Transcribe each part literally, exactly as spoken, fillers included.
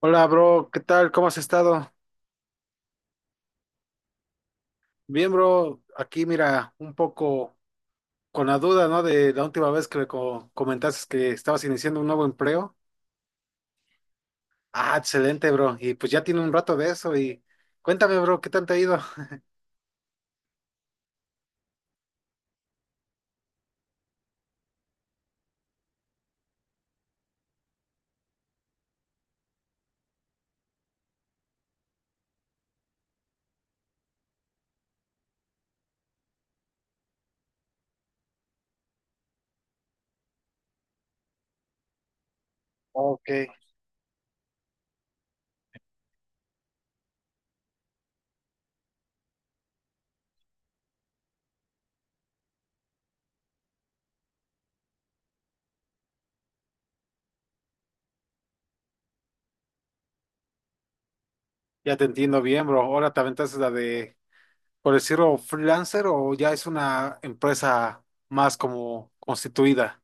Hola, bro, ¿qué tal? ¿Cómo has estado? Bien, bro, aquí mira, un poco con la duda, ¿no? De la última vez que me co- comentaste que estabas iniciando un nuevo empleo. Ah, excelente, bro. Y pues ya tiene un rato de eso y cuéntame, bro, ¿qué tal te ha ido? Ok. Ya te entiendo bien, bro. Ahora te aventaste la de, por decirlo, freelancer o ya es una empresa más como constituida.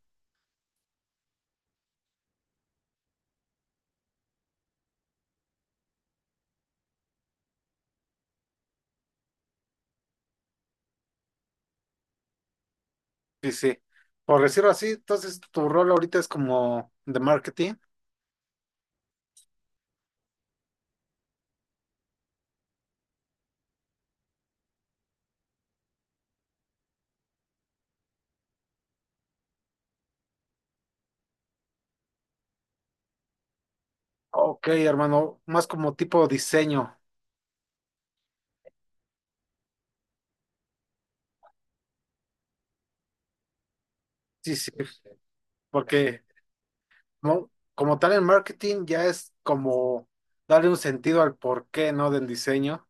Sí, sí. Por decirlo así, entonces tu rol ahorita es como de marketing. Ok, hermano, más como tipo diseño. Sí, sí, porque ¿no? Como tal en marketing ya es como darle un sentido al porqué, ¿no? Del diseño.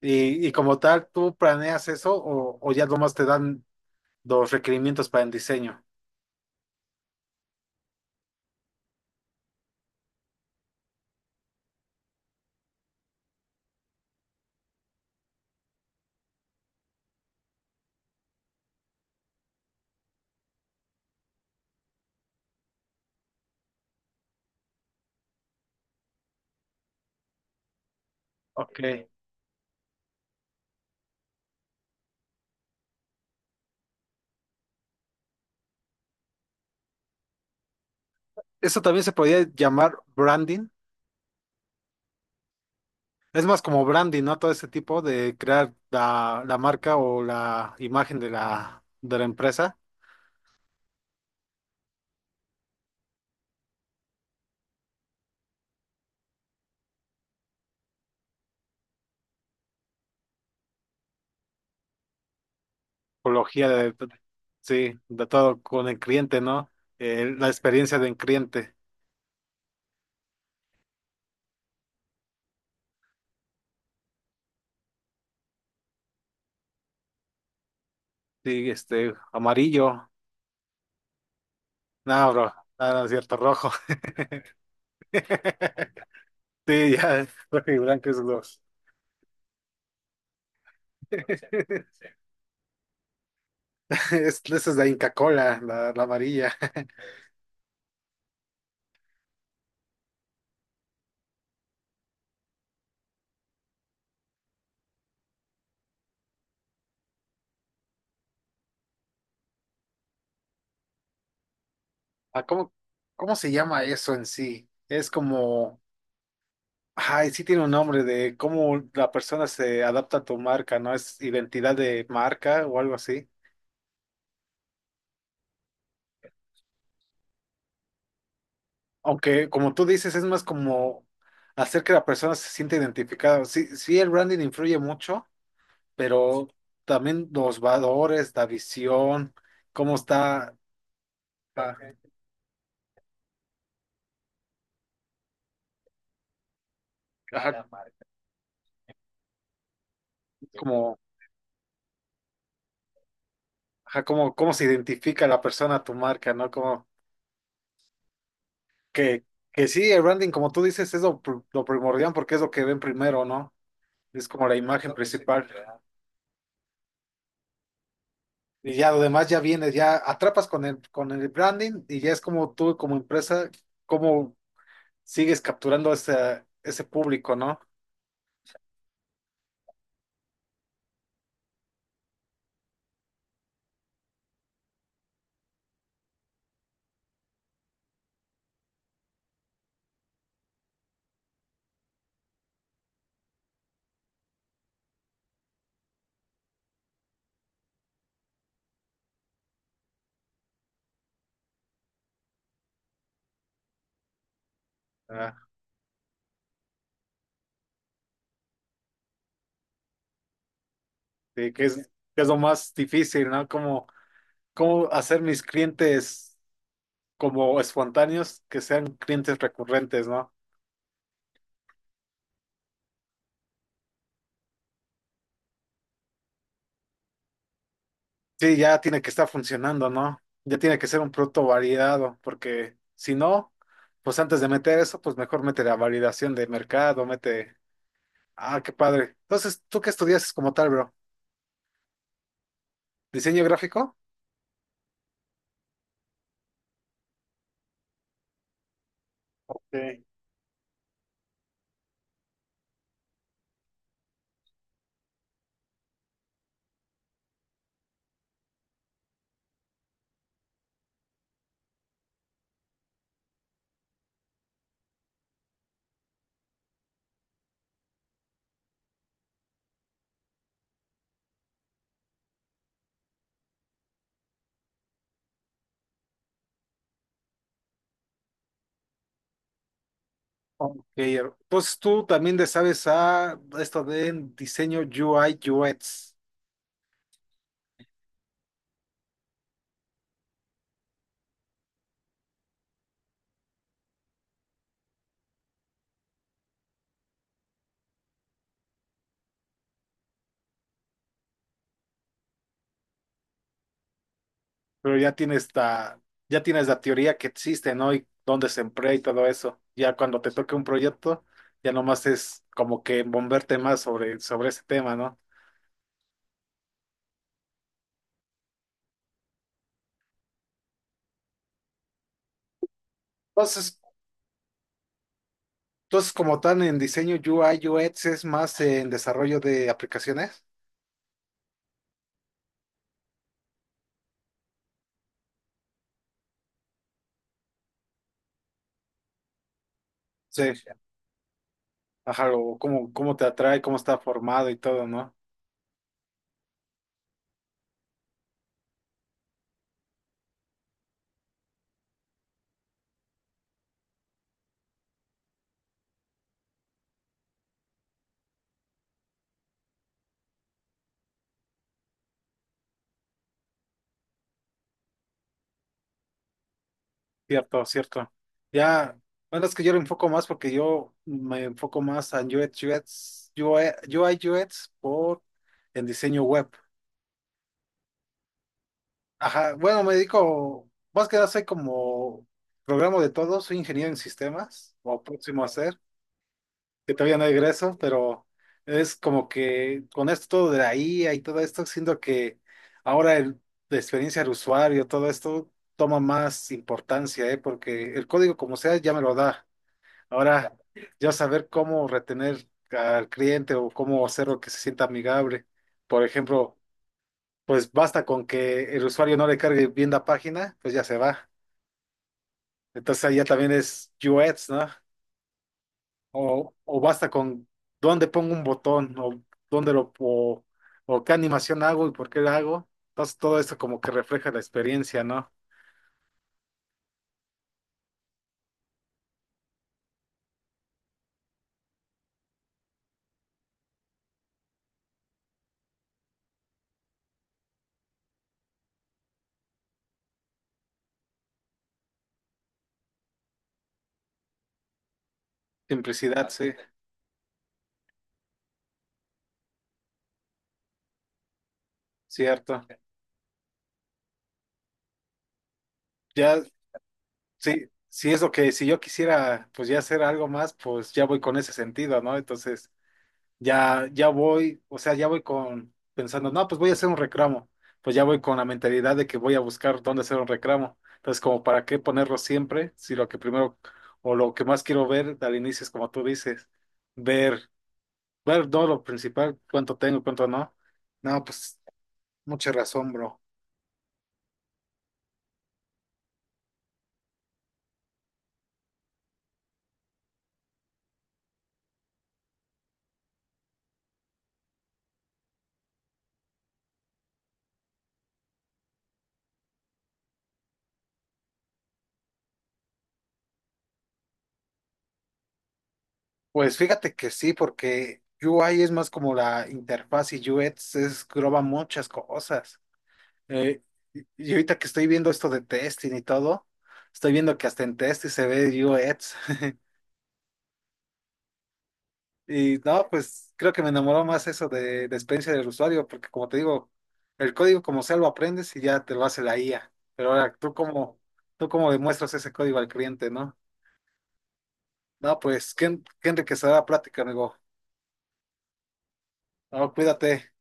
Y, y como tal, ¿tú planeas eso o, o ya nomás te dan los requerimientos para el diseño? Ok. Eso también se podría llamar branding. Es más como branding, ¿no? Todo ese tipo de crear la, la marca o la imagen de la, de la empresa. Apología de, sí, de todo con el cliente, ¿no? Eh, la experiencia del cliente. Sí, este, amarillo. No, bro, no, no es cierto, rojo. Sí, ya, rojo y blanco es los. Es, esa es la Inca Cola, la, la amarilla. Ah, ¿cómo, cómo se llama eso en sí? Es como, ay, sí tiene un nombre de cómo la persona se adapta a tu marca, ¿no? Es identidad de marca o algo así. Aunque, como tú dices, es más como hacer que la persona se sienta identificada. Sí, sí, el branding influye mucho, pero también los valores, la visión, cómo está, ah, ajá, como, ajá, cómo, cómo se identifica la persona a tu marca, ¿no? Como que, que sí, el branding, como tú dices, es lo, pr- lo primordial porque es lo que ven primero, ¿no? Es como la imagen principal. Y ya lo demás ya viene, ya atrapas con el, con el branding y ya es como tú, como empresa, como sigues capturando ese, ese público, ¿no? Ah, sí, que es, que es lo más difícil, ¿no? Como, cómo hacer mis clientes como espontáneos que sean clientes recurrentes, ¿no? Sí, ya tiene que estar funcionando, ¿no? Ya tiene que ser un producto validado, porque si no, pues antes de meter eso, pues mejor mete la validación de mercado, mete... Ah, qué padre. Entonces, ¿tú qué estudias como tal, bro? ¿Diseño gráfico? Ok. Ok, entonces tú también le sabes a esto de diseño U I U X, pero ya tienes la, ya tienes la teoría que existe, ¿no? Y dónde se emplea y todo eso. Ya cuando te toque un proyecto, ya nomás es como que bomberte más sobre, sobre ese tema, ¿no? Entonces, entonces como tal en diseño U I U X es más en desarrollo de aplicaciones. Sí. Ajá, o cómo, cómo te atrae, cómo está formado y todo, ¿no? Cierto, cierto. Ya, bueno, es que yo lo enfoco más porque yo me enfoco más en UX, UX, UI, UX por en diseño web. Ajá, bueno, me dedico, más que nada soy como programa de todo, soy ingeniero en sistemas, o próximo a ser, que todavía no egreso, pero es como que con esto todo de la I A y todo esto, siento que ahora el, la experiencia del usuario, todo esto toma más importancia, ¿eh? Porque el código como sea ya me lo da. Ahora, ya saber cómo retener al cliente o cómo hacerlo que se sienta amigable. Por ejemplo, pues basta con que el usuario no le cargue bien la página, pues ya se va. Entonces ahí ya también es U X, ¿no? O, o basta con dónde pongo un botón o dónde lo o, o qué animación hago y por qué la hago. Entonces todo esto como que refleja la experiencia, ¿no? Simplicidad, sí, cierto. Ya sí, sí es lo que si yo quisiera pues ya hacer algo más, pues ya voy con ese sentido, ¿no? Entonces ya, ya voy, o sea, ya voy con pensando, no, pues voy a hacer un reclamo, pues ya voy con la mentalidad de que voy a buscar dónde hacer un reclamo. Entonces, como para qué ponerlo siempre, si lo que primero o lo que más quiero ver al inicio es como tú dices, ver, ver todo lo principal, cuánto tengo, cuánto no. No, pues mucha razón, bro. Pues fíjate que sí, porque U I es más como la interfaz y U X es engloba muchas cosas. Eh, y y ahorita que estoy viendo esto de testing y todo, estoy viendo que hasta en testing se ve U X. Y no, pues creo que me enamoró más eso de, de experiencia del usuario, porque como te digo, el código como sea lo aprendes y ya te lo hace la I A. Pero ahora tú cómo, tú cómo demuestras ese código al cliente, ¿no? No, pues qué, en- qué enriquecedora plática, amigo. No, cuídate.